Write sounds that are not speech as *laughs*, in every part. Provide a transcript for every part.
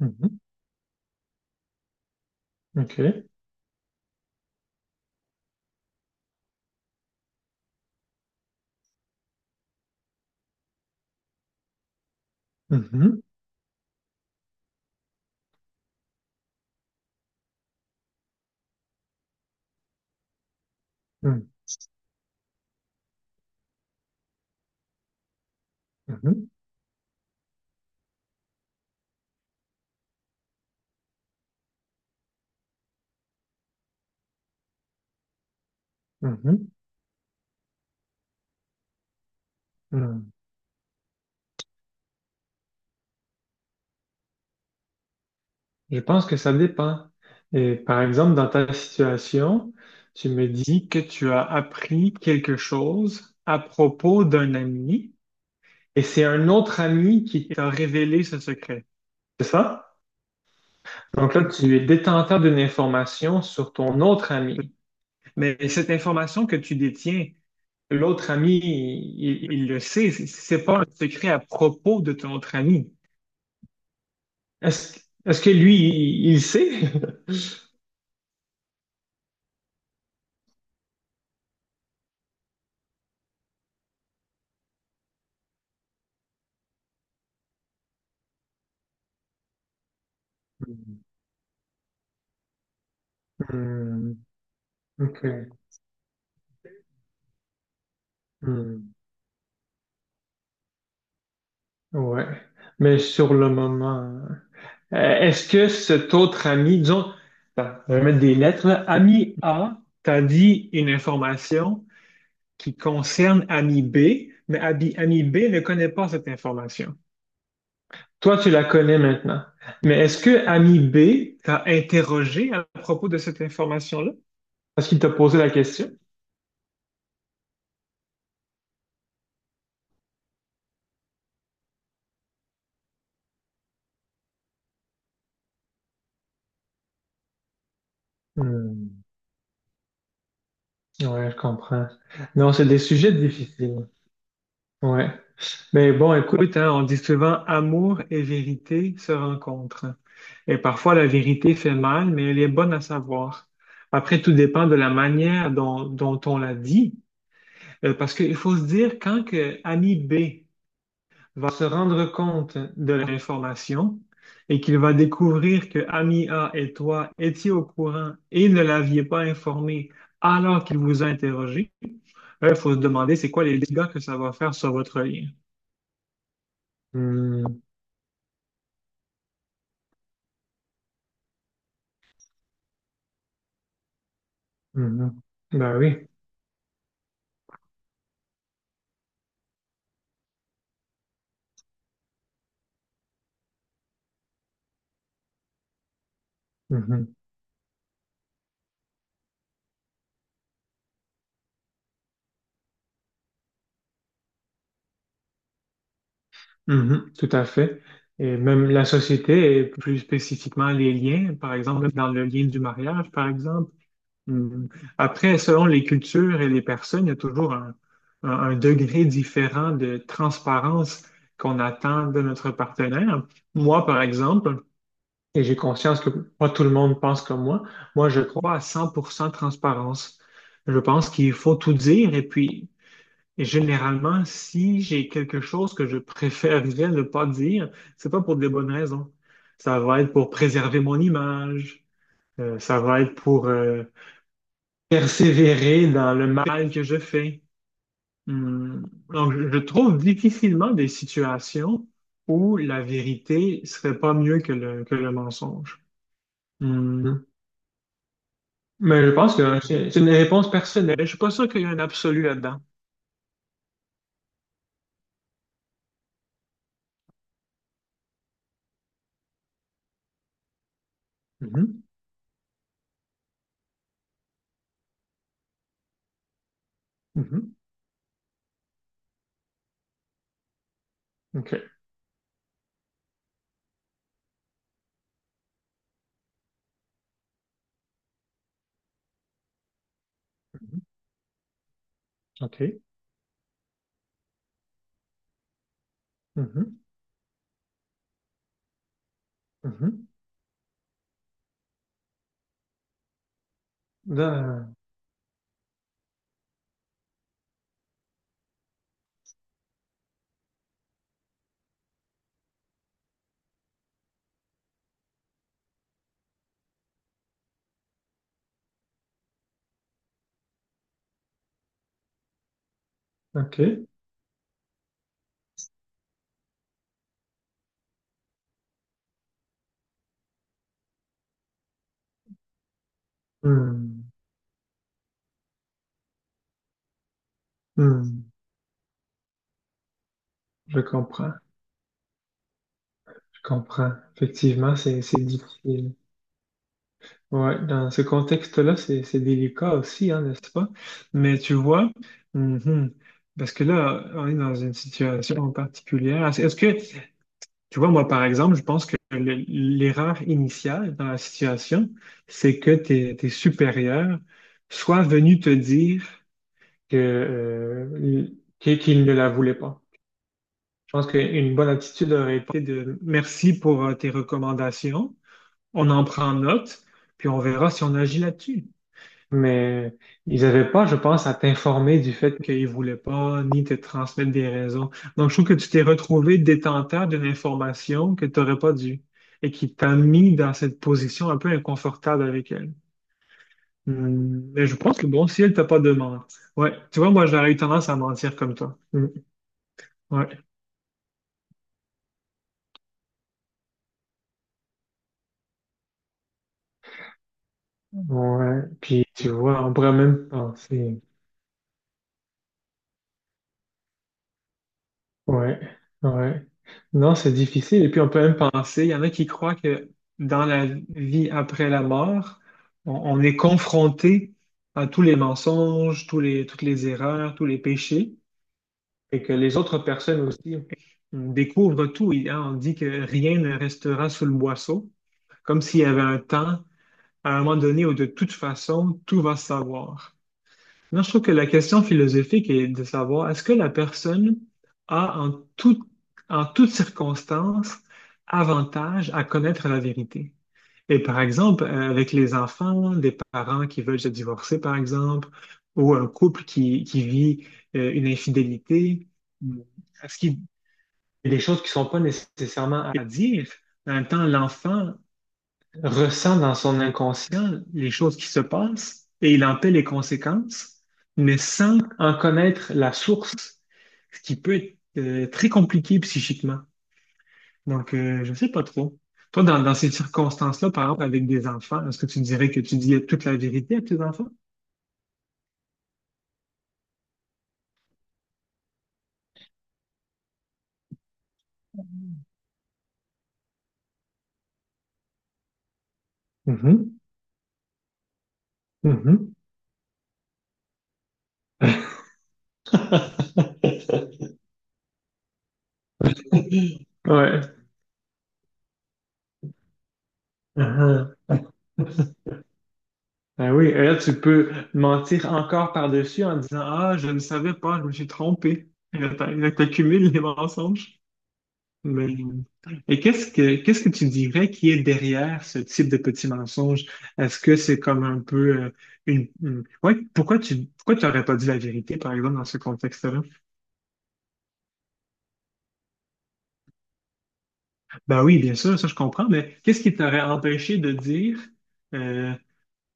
Mhm. OK. Mhm. Mhm. Mhm. Mhm. Mhm. Je pense que ça dépend. Et par exemple, dans ta situation, tu me dis que tu as appris quelque chose à propos d'un ami et c'est un autre ami qui t'a révélé ce secret. C'est ça? Donc là, tu es détenteur d'une information sur ton autre ami. Mais cette information que tu détiens, l'autre ami, il le sait. C'est pas un secret à propos de ton autre ami. Est-ce, est-ce que lui, il sait? Hmm, ok. Hmm, ouais. Mais sur le moment, est-ce que cet autre ami, disons, attends, je vais mettre des lettres, là. Ami A t'a dit une information qui concerne ami B, mais ami B ne connaît pas cette information. Toi, tu la connais maintenant. Mais est-ce que ami B t'a interrogé à propos de cette information-là? Est-ce qu'il t'a posé la question? Hmm. Ouais, je comprends. Non, c'est des sujets difficiles. Ouais. Mais bon, écoute, hein, on dit souvent amour et vérité se rencontrent. Et parfois, la vérité fait mal, mais elle est bonne à savoir. Après, tout dépend de la manière dont on la dit. Parce qu'il faut se dire, quand que ami B va se rendre compte de l'information et qu'il va découvrir que ami A et toi étiez au courant et ne l'aviez pas informé alors qu'il vous a interrogé, il faut se demander c'est quoi les dégâts que ça va faire sur votre lien. Hmm, mhm. Ben oui. Mhm, mhm, tout à fait. Et même la société, et plus spécifiquement les liens, par exemple, dans le lien du mariage, par exemple. Hmm. Après, selon les cultures et les personnes, il y a toujours un degré différent de transparence qu'on attend de notre partenaire. Moi, par exemple, et j'ai conscience que pas tout le monde pense comme moi, moi, je crois à 100% transparence. Je pense qu'il faut tout dire et puis, et généralement, si j'ai quelque chose que je préférerais ne pas dire, c'est pas pour des bonnes raisons. Ça va être pour préserver mon image. Ça va être pour persévérer dans le mal que je fais. Hmm. Donc, je trouve difficilement des situations où la vérité serait pas mieux que que le mensonge. Hmm. Mais je pense que c'est une réponse personnelle. Je suis pas sûr qu'il y ait un absolu là-dedans. Mhm. Mhm. OK. Mhm. OK. Mhm. Mhm. Da- OK. Hmm. Hmm. Je comprends. Je comprends. Effectivement, c'est difficile. Ouais, dans ce contexte-là, c'est délicat aussi, hein, n'est-ce pas? Mais tu vois, mhm, parce que là, on est dans une situation particulière. Tu vois, moi, par exemple, je pense que l'erreur initiale dans la situation, c'est que tes supérieurs soient venus te dire que, qu'ils ne la voulaient pas. Je pense qu'une bonne attitude aurait été de merci pour tes recommandations, on en prend note, puis on verra si on agit là-dessus. Mais ils n'avaient pas, je pense, à t'informer du fait qu'ils voulaient pas ni te transmettre des raisons. Donc, je trouve que tu t'es retrouvé détenteur d'une information que tu n'aurais pas dû et qui t'a mis dans cette position un peu inconfortable avec elle. Hmm. Mais je pense que bon, si elle t'a pas demandé. Ouais, tu vois, moi, j'aurais eu tendance à mentir comme toi. Hmm, ouais, ouais. Puis, tu vois, on pourrait même penser. Ouais, ouais. Non, c'est difficile. Et puis on peut même penser, il y en a qui croient que dans la vie après la mort, on est confronté à tous les mensonges, toutes les erreurs, tous les péchés, et que les autres personnes aussi découvrent tout. Hein, on dit que rien ne restera sous le boisseau, comme s'il y avait un temps, à un moment donné, où de toute façon, tout va se savoir. Moi, je trouve que la question philosophique est de savoir est-ce que la personne a en tout, en toutes circonstances avantage à connaître la vérité? Et par exemple, avec les enfants, des parents qui veulent se divorcer, par exemple, ou un couple qui vit une infidélité, est-ce qu'il y a des choses qui ne sont pas nécessairement à dire? En même temps, l'enfant ressent dans son inconscient les choses qui se passent et il en paie les conséquences, mais sans en connaître la source, ce qui peut être très compliqué psychiquement. Donc, je sais pas trop. Toi, dans ces circonstances-là, par exemple, avec des enfants, est-ce que tu dirais que tu dis toute la vérité à tes enfants? Mhm, mhm. *laughs* Ouais. Ah, ah. Ben oui, et là, tu peux mentir encore par-dessus en disant, ah, je ne savais pas, je me suis trompé. Et là, là, t'accumules les mensonges. Mais- et qu'est-ce que tu dirais qui est derrière ce type de petit mensonge? Est-ce que c'est comme un peu ouais, pourquoi tu n'aurais pas dit la vérité, par exemple, dans ce contexte-là? Ben oui, bien sûr, ça je comprends, mais qu'est-ce qui t'aurait empêché de dire euh,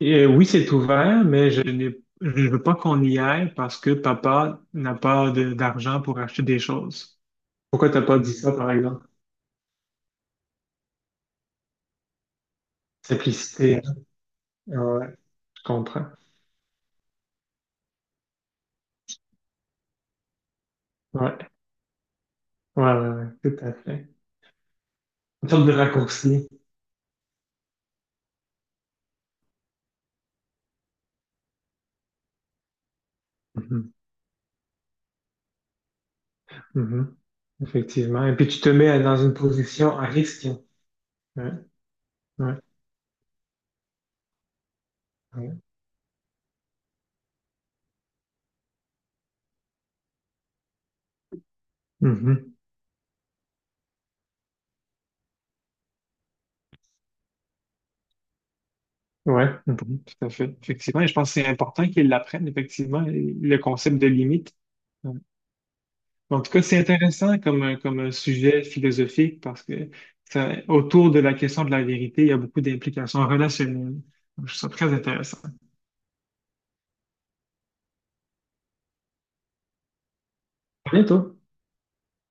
et oui, c'est ouvert, mais je ne veux pas qu'on y aille parce que papa n'a pas d'argent pour acheter des choses. Pourquoi t'as pas dit ça, par exemple? Simplicité, hein? Ouais, je comprends. Ouais, ouais, ouais, ouais, tout à fait. Une sorte de raccourci. Mhm, mhm. Effectivement. Et puis tu te mets dans une position à risque. Ouais, ouais, ouais. Mhm. Ouais, mhm, tout à fait. Effectivement. Et je pense que c'est important qu'ils l'apprennent, effectivement, le concept de limite. En tout cas, c'est intéressant comme sujet philosophique parce que ça, autour de la question de la vérité, il y a beaucoup d'implications relationnelles. Donc, je trouve ça très intéressant. À bientôt.